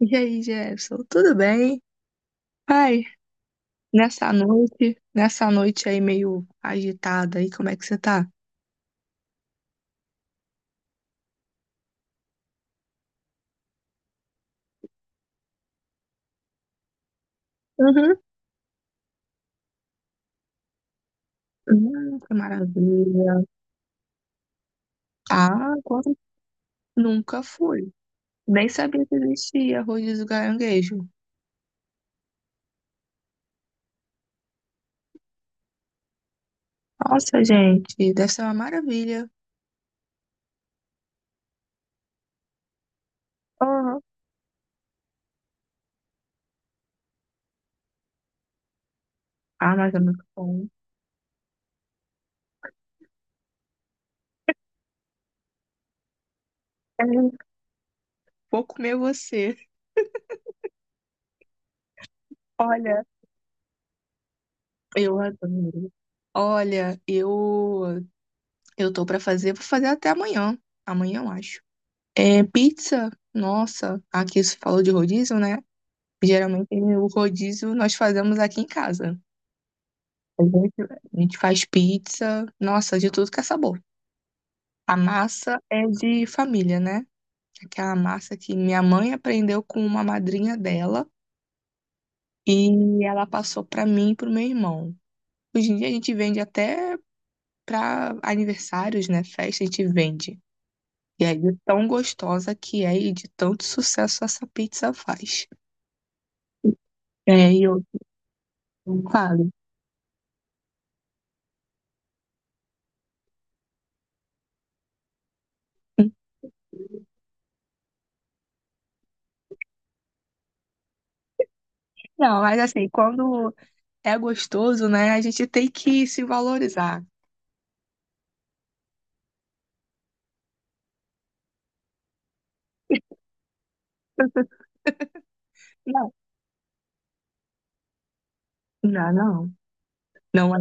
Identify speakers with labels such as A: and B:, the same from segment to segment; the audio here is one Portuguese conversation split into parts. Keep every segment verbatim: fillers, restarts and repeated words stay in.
A: E aí, Jefferson, tudo bem? Pai, nessa noite, nessa noite aí meio agitada aí, como é que você tá? Uhum. Hum, que maravilha. Ah, agora nunca fui. Nem sabia que existia rodízio do caranguejo. Nossa, gente, deve ser uma maravilha. Uhum. Ah, mas é muito bom. É, vou comer você. Olha, eu adoro. Olha, eu eu tô pra fazer, vou fazer até amanhã. Amanhã, eu acho. É, pizza, nossa, aqui se fala de rodízio, né? Geralmente o rodízio nós fazemos aqui em casa. A gente, a gente faz pizza, nossa, de tudo que é sabor. A massa é de família, né? Aquela massa que minha mãe aprendeu com uma madrinha dela e ela passou para mim e pro meu irmão. Hoje em dia a gente vende até para aniversários, né? Festa, a gente vende. E aí, de tão gostosa que é e de tanto sucesso essa pizza faz. É, e não fale. Não, mas assim, quando é gostoso, né, a gente tem que se valorizar. Não, não, não. Não é.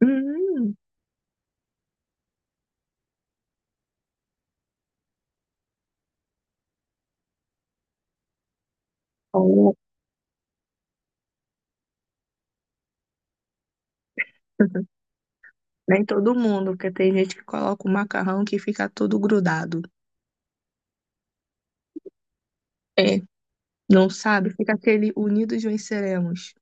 A: Hum, ó, nem todo mundo, porque tem gente que coloca o macarrão que fica todo grudado. É, não sabe? Fica aquele unidos venceremos.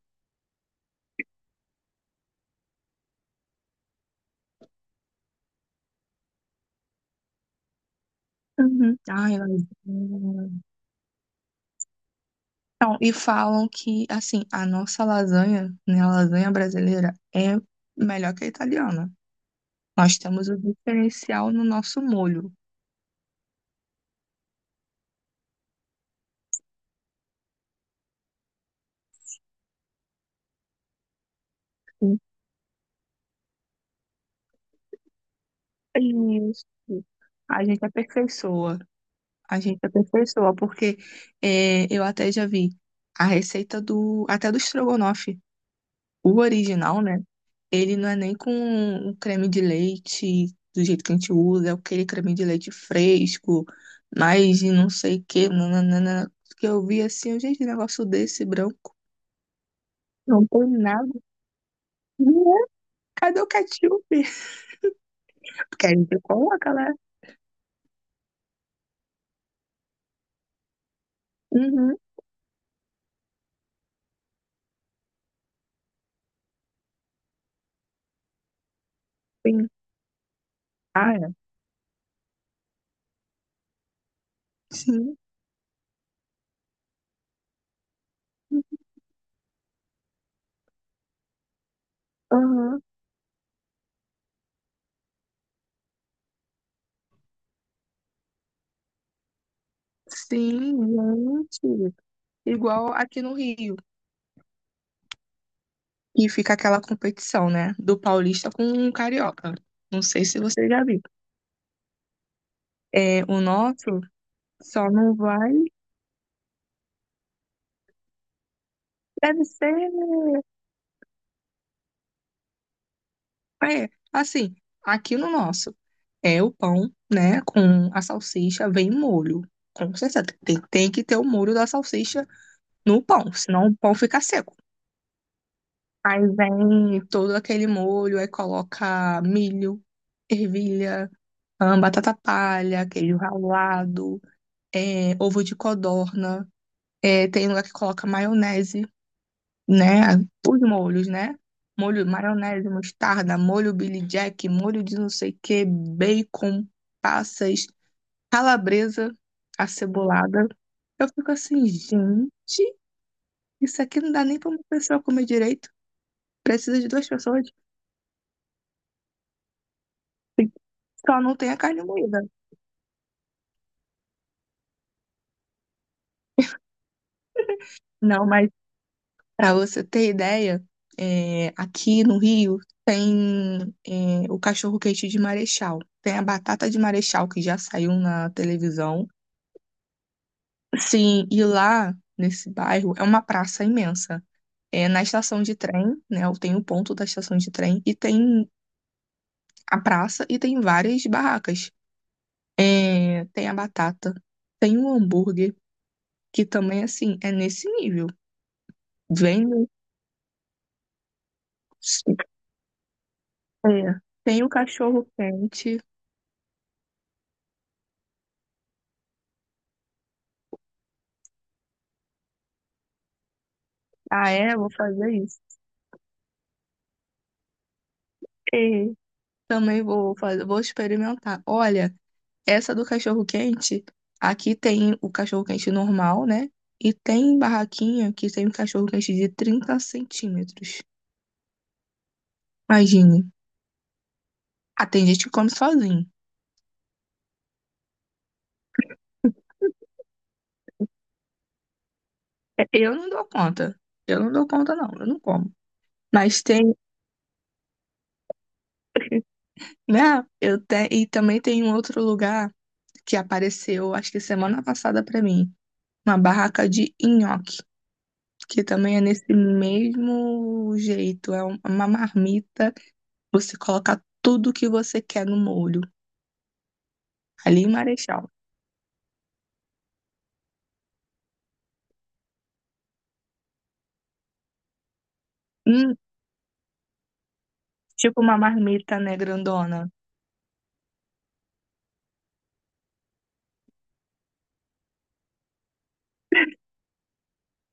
A: Uhum. Ai, lasanha. Não, e falam que, assim, a nossa lasanha, né, a lasanha brasileira é melhor que a italiana. Nós temos o diferencial no nosso molho. Isso. A gente aperfeiçoa, a gente aperfeiçoa, porque é, eu até já vi a receita do, até do estrogonofe, o original, né? Ele não é nem com o creme de leite do jeito que a gente usa, é aquele creme de leite fresco, mas de não sei o que, nananana, que eu vi assim, eu, gente, um negócio desse branco, não tem nada. Né? Cadê o ketchup? Porque a gente coloca, né? Uhum, sim. Ah, é? Sim. Aham. Sim, gente. Igual aqui no Rio, que fica aquela competição, né? Do paulista com o carioca. Não sei se você já viu. É, o nosso só não vai. Deve ser, né? É, assim, aqui no nosso é o pão, né? Com a salsicha, vem molho. Com certeza. Tem, tem que ter o molho da salsicha no pão, senão o pão fica seco. Aí vem todo aquele molho, aí coloca milho, ervilha, ahn, batata palha, queijo ralado, é, ovo de codorna. É, tem lugar que coloca maionese, né? Os molhos, né? Molho, maionese, mostarda, molho Billy Jack, molho de não sei o que, bacon, passas, calabresa acebolada. Eu fico assim, gente, isso aqui não dá nem pra uma pessoa comer direito. Precisa de duas pessoas, só não tem a carne moída. Não, mas para você ter ideia, é, aqui no Rio tem é, o cachorro-quente de Marechal, tem a batata de Marechal que já saiu na televisão. Sim, e lá nesse bairro é uma praça imensa. É na estação de trem, né? Tem o ponto da estação de trem e tem a praça e tem várias barracas. É, tem a batata, tem o hambúrguer, que também assim é nesse nível. Vem no- é, tem o cachorro quente. Ah, é? Vou fazer isso. E também vou fazer, vou experimentar. Olha, essa do cachorro quente, aqui tem o cachorro quente normal, né? E tem barraquinha que tem um cachorro quente de trinta centímetros. Imagine. Ah, tem gente que come sozinho. É, eu não dou conta. Eu não dou conta, não. Eu não como. Mas tem, né? Eu te... E também tem um outro lugar que apareceu, acho que semana passada pra mim, uma barraca de nhoque, que também é nesse mesmo jeito, é um- uma marmita, você coloca tudo que você quer no molho, ali em Marechal. Hum, tipo uma marmita, né, grandona.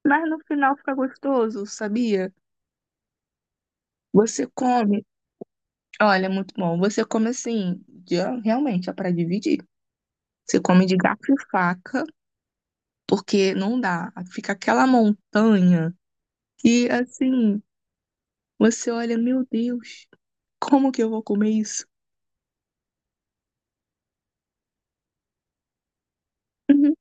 A: Mas no final fica gostoso, sabia? Você come, olha, é muito bom. Você come assim, de- realmente é para dividir. Você come de garfo e faca, porque não dá. Fica aquela montanha e assim, você olha, meu Deus, como que eu vou comer isso? Uhum,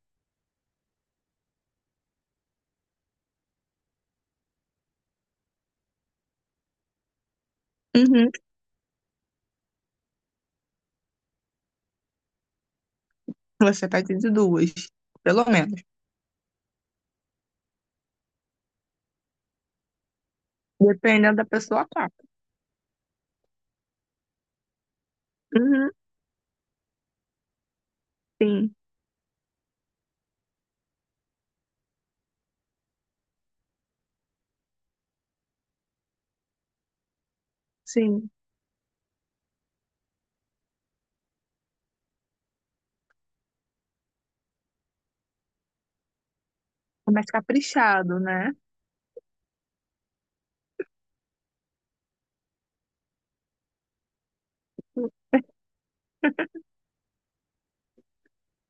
A: uhum. Você vai ter de duas, pelo menos. Dependendo da pessoa, quatro. Uhum, sim, sim. É mais caprichado, né?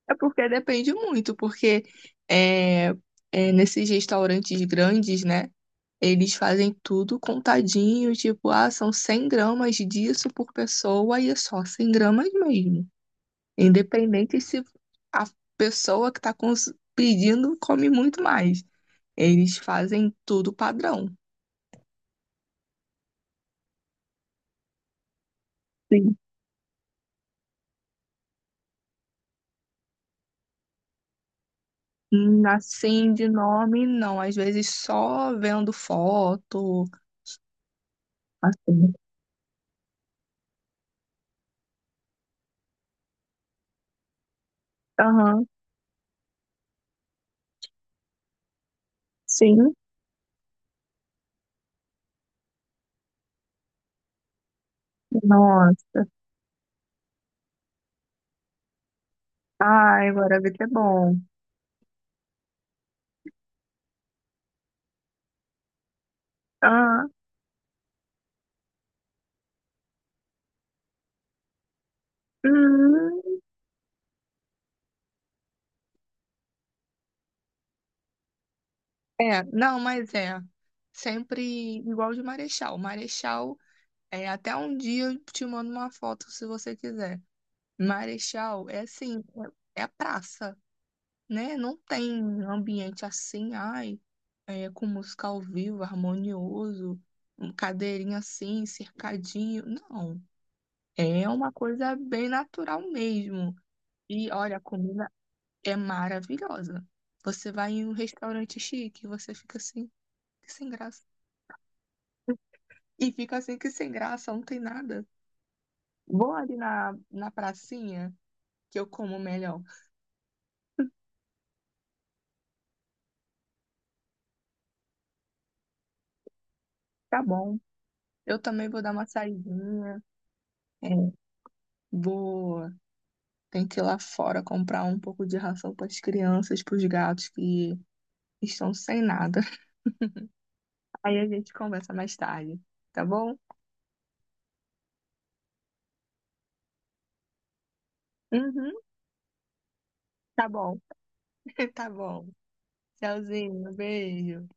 A: É porque depende muito, porque é, é, nesses restaurantes grandes, né? Eles fazem tudo contadinho, tipo, ah, são cem gramas disso por pessoa e é só cem gramas mesmo. Independente se a pessoa que está pedindo come muito mais. Eles fazem tudo padrão. Sim. Hum, assim, de nome, não. Às vezes só vendo foto, assim. Aham, sim. Nossa. Ai, Guaravita é bom. Ah, hum. É, não, mas é. Sempre igual de Marechal. Marechal, é, até um dia eu te mando uma foto se você quiser. Marechal é assim, é é praça, né? Não tem um ambiente assim, ai, é, com música ao vivo, harmonioso, um cadeirinha assim, cercadinho. Não, é uma coisa bem natural mesmo. E olha, a comida é maravilhosa. Você vai em um restaurante chique, você fica assim, que sem graça. E fica assim, que sem graça, não tem nada. Vou ali na, na pracinha, que eu como melhor. Tá bom. Eu também vou dar uma saidinha. É, vou tem que ir lá fora comprar um pouco de ração para as crianças, para os gatos que estão sem nada. Aí a gente conversa mais tarde, tá bom? Uhum, tá bom. Tá bom. Tchauzinho, beijo.